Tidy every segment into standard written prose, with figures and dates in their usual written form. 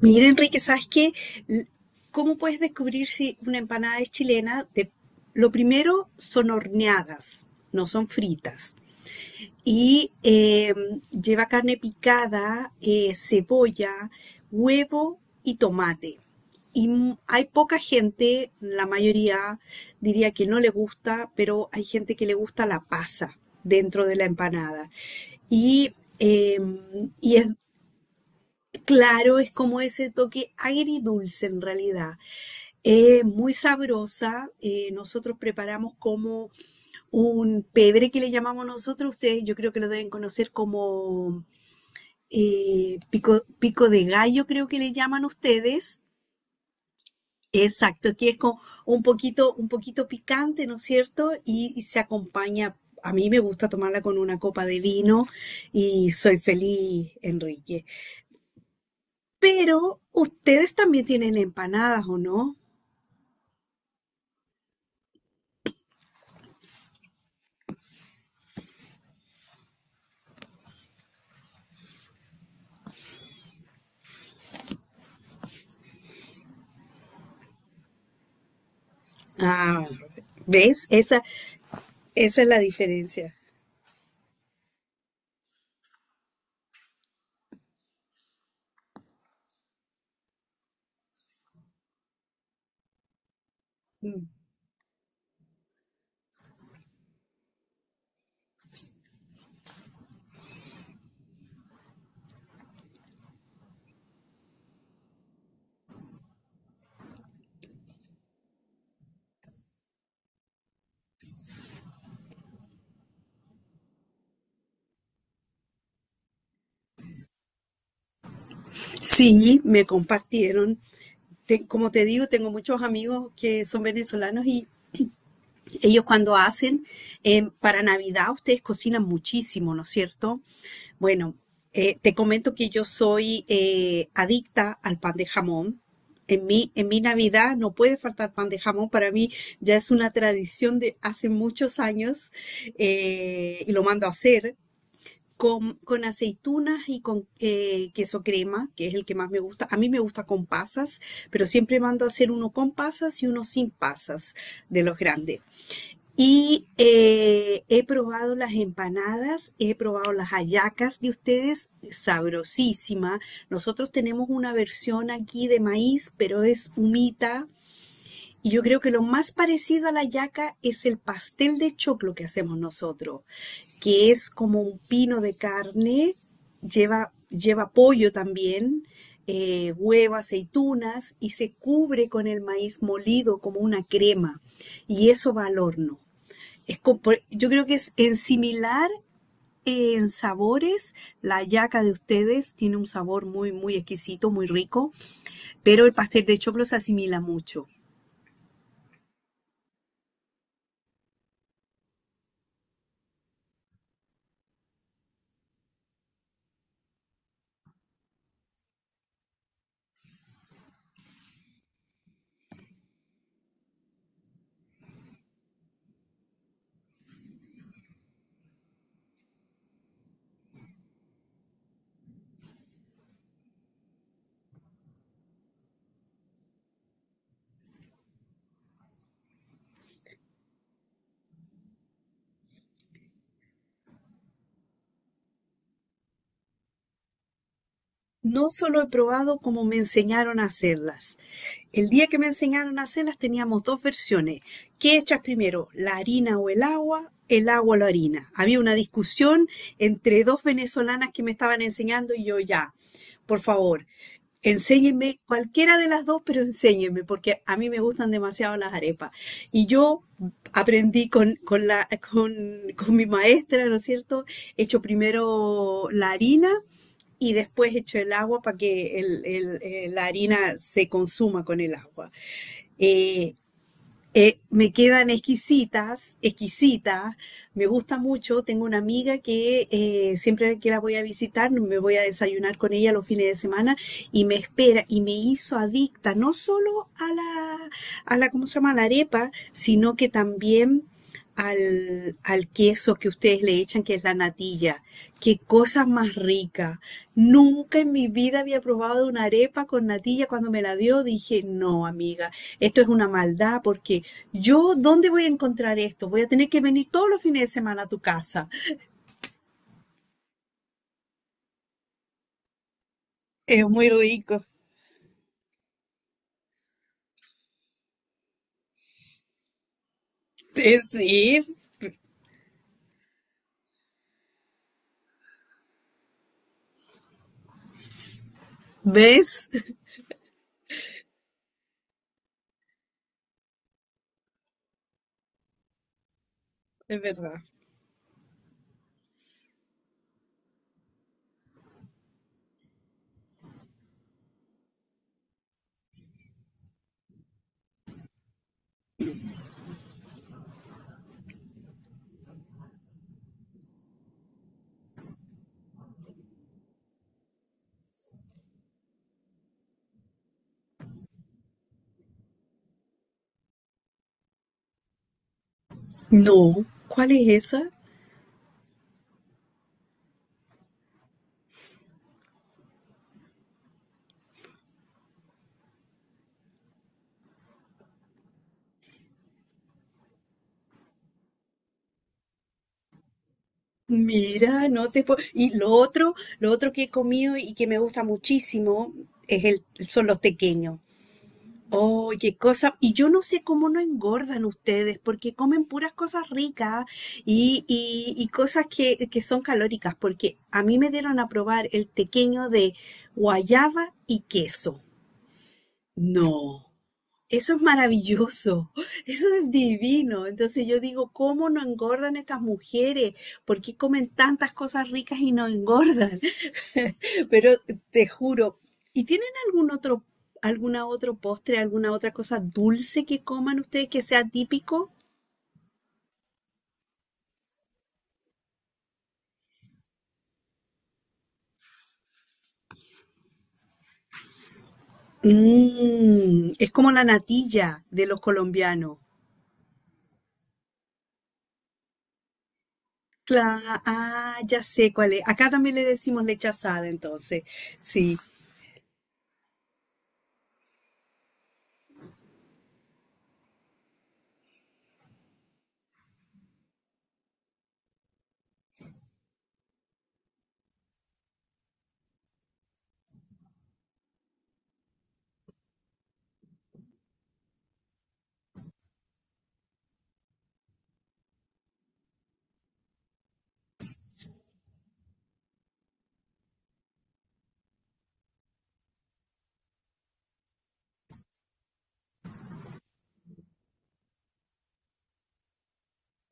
Mira, Enrique, ¿sabes qué? L- ¿Cómo puedes descubrir si una empanada es chilena? Lo primero son horneadas, no son fritas. Y eh, lleva carne picada, cebolla, huevo y tomate. Y hay poca gente, la mayoría diría que no le gusta, pero hay gente que le gusta la pasa dentro de la empanada. Y, eh, y es Claro, es como ese toque agridulce en realidad. Es muy sabrosa. Nosotros preparamos como un pebre que le llamamos nosotros. Ustedes yo creo que lo deben conocer como pico, pico de gallo, creo que le llaman ustedes. Exacto, que es como un poquito picante, ¿no es cierto? Y se acompaña. A mí me gusta tomarla con una copa de vino y soy feliz, Enrique. Pero ustedes también tienen empanadas, ¿o no? Ah, ¿ves? Esa es la diferencia. Mm. Sí, me compartieron. Como te digo, tengo muchos amigos que son venezolanos. Y ellos cuando hacen, para Navidad ustedes cocinan muchísimo, ¿no es cierto? Bueno, te comento que yo soy adicta al pan de jamón. En mi Navidad no puede faltar pan de jamón. Para mí ya es una tradición de hace muchos años, y lo mando a hacer con aceitunas y con queso crema, que es el que más me gusta. A mí me gusta con pasas, pero siempre mando a hacer uno con pasas y uno sin pasas de los grandes. Y he probado las empanadas, he probado las hallacas de ustedes, sabrosísima. Nosotros tenemos una versión aquí de maíz, pero es humita. Y yo creo que lo más parecido a la hallaca es el pastel de choclo que hacemos nosotros, que es como un pino de carne, lleva pollo también, huevo, aceitunas y se cubre con el maíz molido como una crema. Y eso va al horno. Yo creo que es en similar en sabores. La yaca de ustedes tiene un sabor muy, muy exquisito, muy rico, pero el pastel de choclo se asimila mucho. No solo he probado como me enseñaron a hacerlas. El día que me enseñaron a hacerlas teníamos dos versiones. ¿Qué echas primero, la harina o el agua? El agua o la harina. Había una discusión entre dos venezolanas que me estaban enseñando y yo ya, por favor, enséñenme cualquiera de las dos, pero enséñenme porque a mí me gustan demasiado las arepas. Y yo aprendí con mi maestra, ¿no es cierto? He hecho primero la harina y después echo el agua para que la harina se consuma con el agua. Eh, me quedan exquisitas, exquisitas, me gusta mucho. Tengo una amiga que siempre que la voy a visitar, no, me voy a desayunar con ella los fines de semana y me espera y me hizo adicta no solo a ¿cómo se llama? A la arepa, sino que también al, al queso que ustedes le echan, que es la natilla. Qué cosa más rica. Nunca en mi vida había probado una arepa con natilla. Cuando me la dio, dije, no, amiga, esto es una maldad porque yo, ¿dónde voy a encontrar esto? Voy a tener que venir todos los fines de semana a tu casa. Es muy rico. Es decir, ¿ves? Es verdad. No, ¿cuál es esa? Mira, no te puedo. Y lo otro que he comido y que me gusta muchísimo es el, son los tequeños. Oye, cosa, y yo no sé cómo no engordan ustedes, porque comen puras cosas ricas y, y cosas que son calóricas, porque a mí me dieron a probar el tequeño de guayaba y queso. No, eso es maravilloso, eso es divino. Entonces yo digo, ¿cómo no engordan estas mujeres? ¿Por qué comen tantas cosas ricas y no engordan? Pero te juro, ¿y tienen algún otro, alguna otro postre, alguna otra cosa dulce que coman ustedes que sea típico? Mm, es como la natilla de los colombianos. Cla- ah, ya sé cuál es. Acá también le decimos leche asada, entonces. Sí,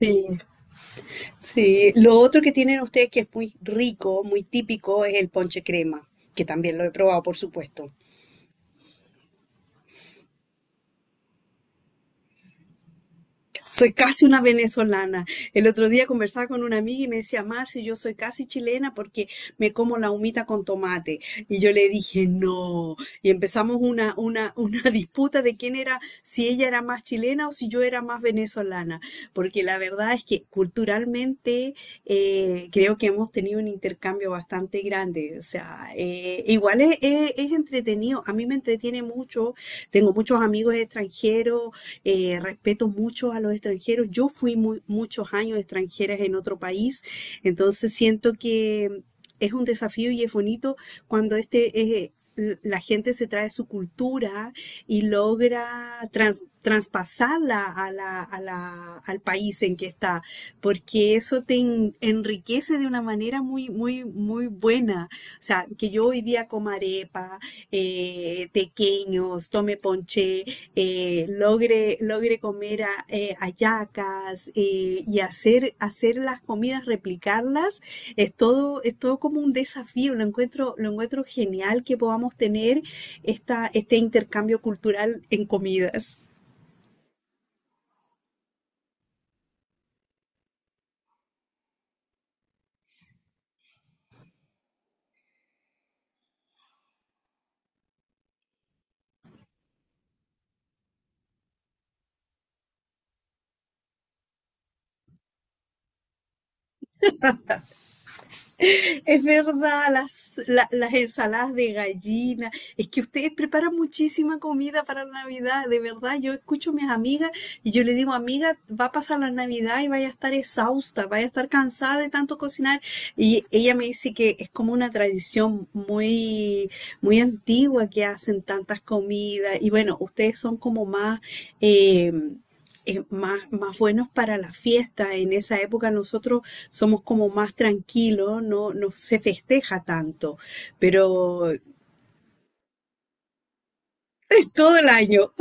sí, sí. Lo otro que tienen ustedes que es muy rico, muy típico, es el ponche crema, que también lo he probado, por supuesto. Soy casi una venezolana. El otro día conversaba con una amiga y me decía, Marci, yo soy casi chilena porque me como la humita con tomate. Y yo le dije, no. Y empezamos una disputa de quién era, si ella era más chilena o si yo era más venezolana. Porque la verdad es que culturalmente creo que hemos tenido un intercambio bastante grande. O sea, es entretenido. A mí me entretiene mucho, tengo muchos amigos extranjeros, respeto mucho a los extranjeros. Yo fui muchos años extranjeras en otro país, entonces siento que es un desafío y es bonito cuando la gente se trae su cultura y logra traspasarla a al país en que está, porque eso te enriquece de una manera muy, muy, muy buena. O sea, que yo hoy día coma arepa, tequeños, tome ponche, logre comer hallacas, y hacer las comidas, replicarlas, es todo como un desafío. Lo encuentro genial que podamos tener esta, este intercambio cultural en comidas. Es verdad, las ensaladas de gallina. Es que ustedes preparan muchísima comida para la Navidad. De verdad, yo escucho a mis amigas y yo le digo, amiga, va a pasar la Navidad y vaya a estar exhausta, vaya a estar cansada de tanto cocinar. Y ella me dice que es como una tradición muy, muy antigua que hacen tantas comidas. Y bueno, ustedes son como más... eh, más, más buenos para la fiesta. En esa época nosotros somos como más tranquilos, no, no se festeja tanto, pero es todo el año.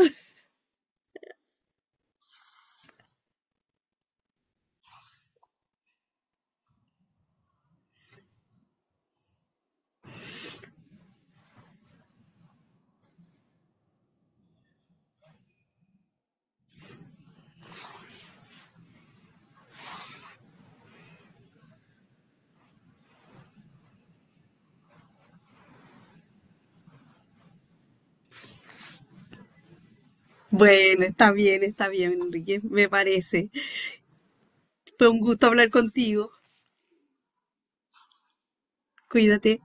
Bueno, está bien, Enrique, me parece. Fue un gusto hablar contigo. Cuídate.